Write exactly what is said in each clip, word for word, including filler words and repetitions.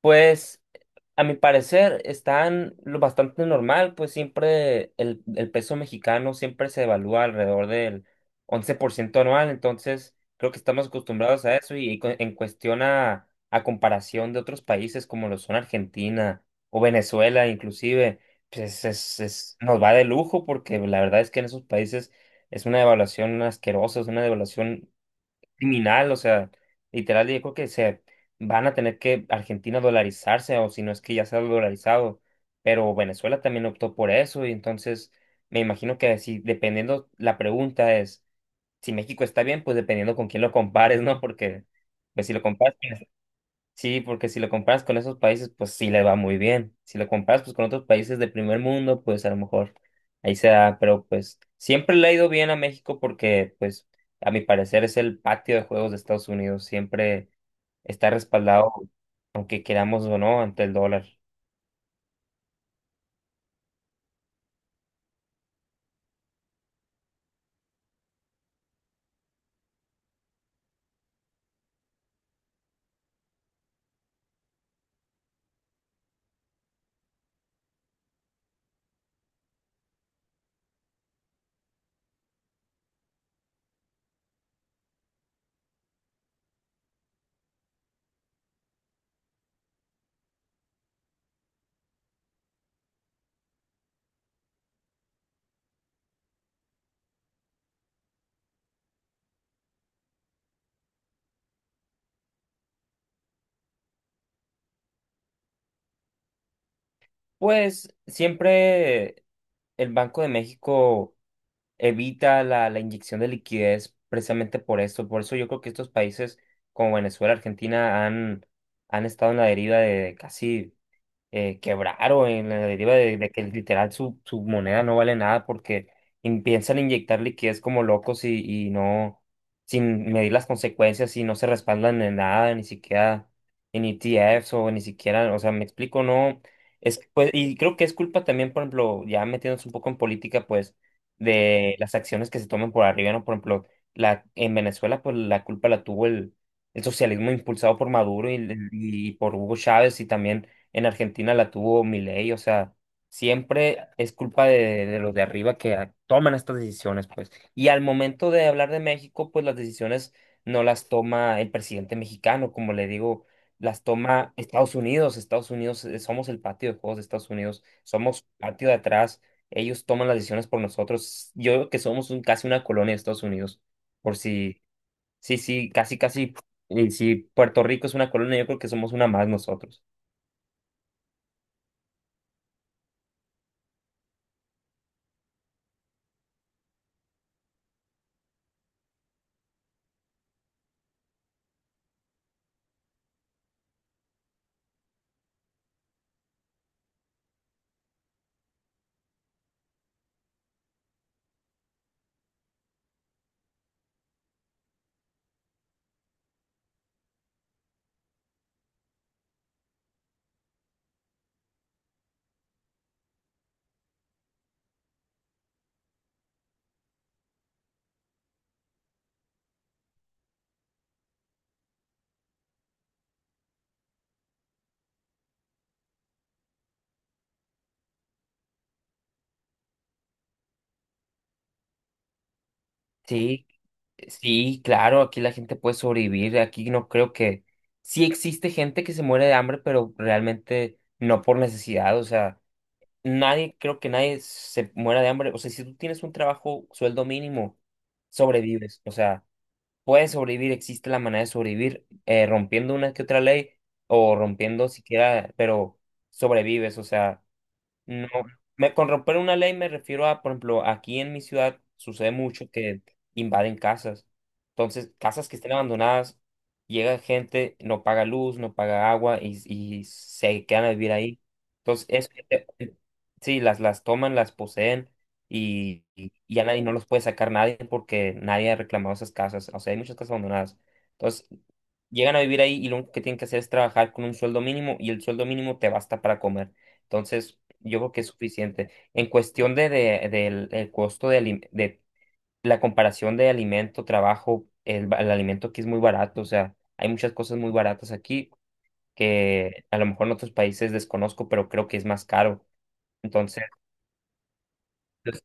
Pues a mi parecer están lo bastante normal, pues siempre el, el peso mexicano siempre se evalúa alrededor del once por ciento anual. Entonces creo que estamos acostumbrados a eso y, cu- en cuestión a, a comparación de otros países como lo son Argentina o Venezuela inclusive, pues es, es- nos va de lujo porque la verdad es que en esos países es una devaluación asquerosa, es una devaluación criminal, o sea, literal, yo creo que se van a tener que Argentina dolarizarse, o si no es que ya se ha dolarizado, pero Venezuela también optó por eso. Y entonces me imagino que si dependiendo, la pregunta es, si México está bien, pues dependiendo con quién lo compares, ¿no? Porque pues si lo comparas con sí, porque si lo comparas con esos países, pues sí le va muy bien. Si lo comparas pues con otros países de primer mundo, pues a lo mejor ahí se da, pero pues siempre le ha ido bien a México porque pues a mi parecer es el patio de juegos de Estados Unidos, siempre está respaldado, aunque queramos o no, ante el dólar. Pues siempre el Banco de México evita la, la inyección de liquidez precisamente por esto. Por eso yo creo que estos países como Venezuela, Argentina han, han estado en la deriva de casi eh, quebraron en la deriva de, de que literal su, su moneda no vale nada porque in- piensan inyectar liquidez como locos y, y no, sin medir las consecuencias y no se respaldan en nada, ni siquiera en E T F s o ni siquiera, o sea, me explico, no, es, pues, y creo que es culpa también, por ejemplo, ya metiéndose un poco en política, pues, de las acciones que se toman por arriba, ¿no? Por ejemplo, la, en Venezuela, pues, la culpa la tuvo el, el socialismo impulsado por Maduro y, y por Hugo Chávez y también en Argentina la tuvo Milei, o sea, siempre es culpa de, de los de arriba que a- toman estas decisiones, pues. Y al momento de hablar de México, pues las decisiones no las toma el presidente mexicano, como le digo, las toma Estados Unidos. Estados Unidos, eh, somos el patio de juegos de Estados Unidos, somos patio de atrás, ellos toman las decisiones por nosotros. Yo creo que somos un- casi una colonia de Estados Unidos, por si, sí, sí, casi, casi, y si Puerto Rico es una colonia, yo creo que somos una más nosotros. Sí, sí, claro, aquí la gente puede sobrevivir, aquí no creo que... Sí existe gente que se muere de hambre, pero realmente no por necesidad, o sea, nadie, creo que nadie se muera de hambre, o sea, si tú tienes un trabajo, sueldo mínimo, sobrevives, o sea, puedes sobrevivir, existe la manera de sobrevivir, eh, rompiendo una que otra ley o rompiendo siquiera, pero sobrevives, o sea... No, me, con romper una ley me refiero a, por ejemplo, aquí en mi ciudad sucede mucho que invaden casas. Entonces, casas que estén abandonadas, llega gente, no paga luz, no paga agua y, y se quedan a vivir ahí. Entonces, es, eh, eh, sí, las, las toman, las poseen y, y, y a nadie no los puede sacar nadie porque nadie ha reclamado esas casas. O sea, hay muchas casas abandonadas. Entonces, llegan a vivir ahí y lo único que tienen que hacer es trabajar con un sueldo mínimo y el sueldo mínimo te basta para comer. Entonces, yo creo que es suficiente. En cuestión de, de- del el costo de, alim- de la comparación de alimento, trabajo, el, ba- el alimento aquí es muy barato, o sea, hay muchas cosas muy baratas aquí que a lo mejor en otros países desconozco, pero creo que es más caro. Entonces, pues,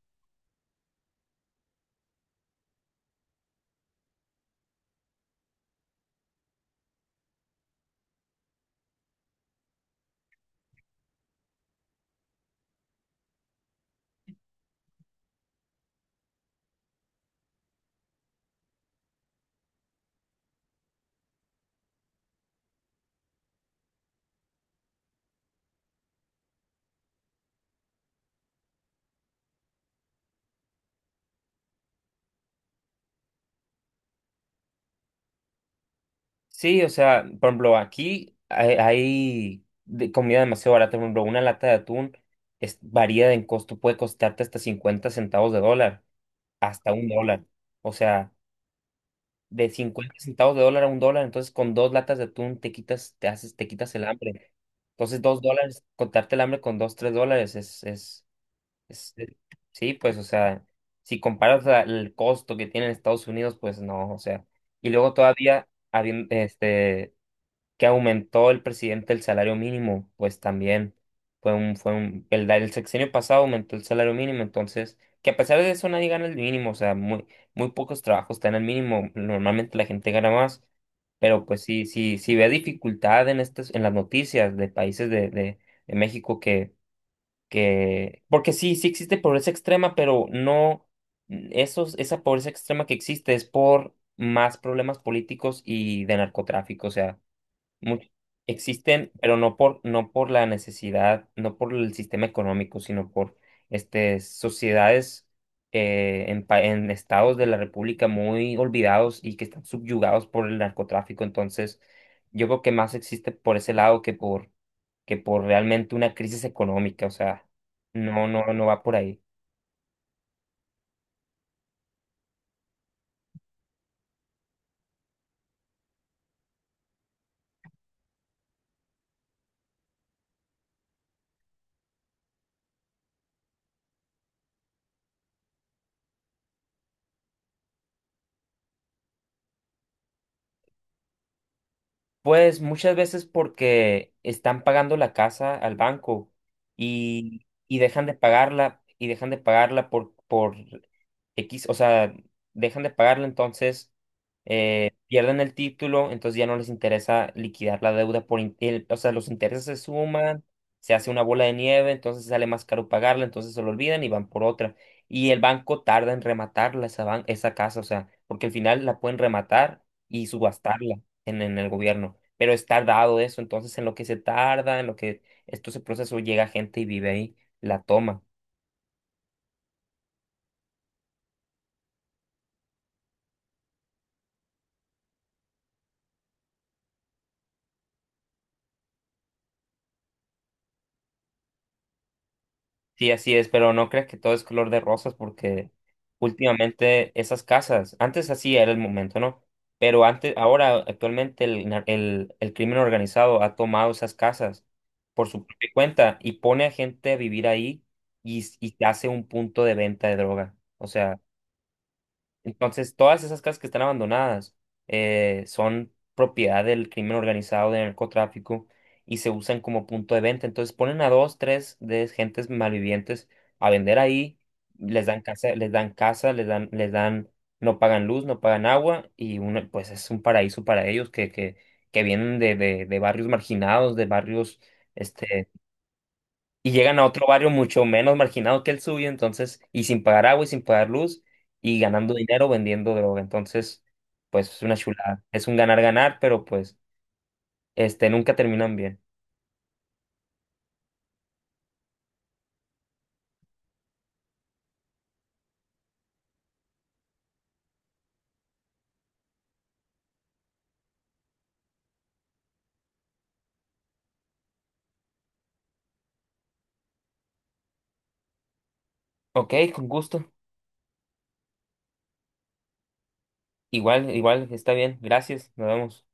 sí, o sea, por ejemplo, aquí hay, hay de comida demasiado barata, por ejemplo, una lata de atún es, varía en costo, puede costarte hasta cincuenta centavos de dólar, hasta un dólar. O sea... de cincuenta centavos de dólar a un dólar, entonces con dos latas de atún te quitas, te haces, te quitas el hambre. Entonces dos dólares, contarte el hambre con dos, tres dólares es, es, es, es- sí, pues, o sea, si comparas a- el costo que tiene en Estados Unidos, pues no, o sea, y luego todavía, habien- este, que aumentó el presidente el salario mínimo, pues también fue un, fue un, el, da- el sexenio pasado aumentó el salario mínimo. Entonces, que a pesar de eso nadie gana el mínimo, o sea, muy, muy pocos trabajos están el mínimo, normalmente la gente gana más, pero pues sí, sí, sí ve dificultad en estas, en las noticias de países de, de, de, México que, que, porque sí, sí existe pobreza extrema, pero no, esos, esa pobreza extrema que existe es por más problemas políticos y de narcotráfico, o sea, Much- existen, pero no por, no por la necesidad, no por el sistema económico, sino por este, sociedades, eh, en, pa- en estados de la República muy olvidados y que están subyugados por el narcotráfico. Entonces, yo creo que más existe por ese lado que por, que por realmente una crisis económica. O sea, no, no, no va por ahí. Pues muchas veces porque están pagando la casa al banco y, y dejan de pagarla y dejan de pagarla por, por X, o sea, dejan de pagarla. Entonces eh, pierden el título, entonces ya no les interesa liquidar la deuda por, in- el- o sea, los intereses se suman, se hace una bola de nieve, entonces sale más caro pagarla, entonces se lo olvidan y van por otra. Y el banco tarda en rematarla esa, ban- esa casa, o sea, porque al final la pueden rematar y subastarla en en el gobierno, pero es tardado eso, entonces en lo que se tarda, en lo que esto se procesó, llega gente y vive ahí, la toma. Sí, así es, pero no creas que todo es color de rosas porque últimamente esas casas, antes así era el momento, ¿no? Pero antes, ahora actualmente el, nar- el, el crimen organizado ha tomado esas casas por su propia cuenta y pone a gente a vivir ahí y, s- y te hace un punto de venta de droga. O sea... Entonces, todas esas casas que están abandonadas eh, son propiedad del crimen organizado, del narcotráfico, y se usan como punto de venta. Entonces, ponen a dos, tres de gentes malvivientes a vender ahí, les dan casa, les dan casa, les dan, les dan, no pagan luz, no pagan agua, y uno, pues es un paraíso para ellos que, que, que vienen de, de, de barrios marginados, de barrios, este, y llegan a otro barrio mucho menos marginado que el suyo, entonces, y sin pagar agua y sin pagar luz, y ganando dinero vendiendo droga. Entonces, pues es una chulada. Es un ganar-ganar, pero pues, este, nunca terminan bien. Ok, con gusto. Igual, igual, está bien. Gracias. Nos vemos.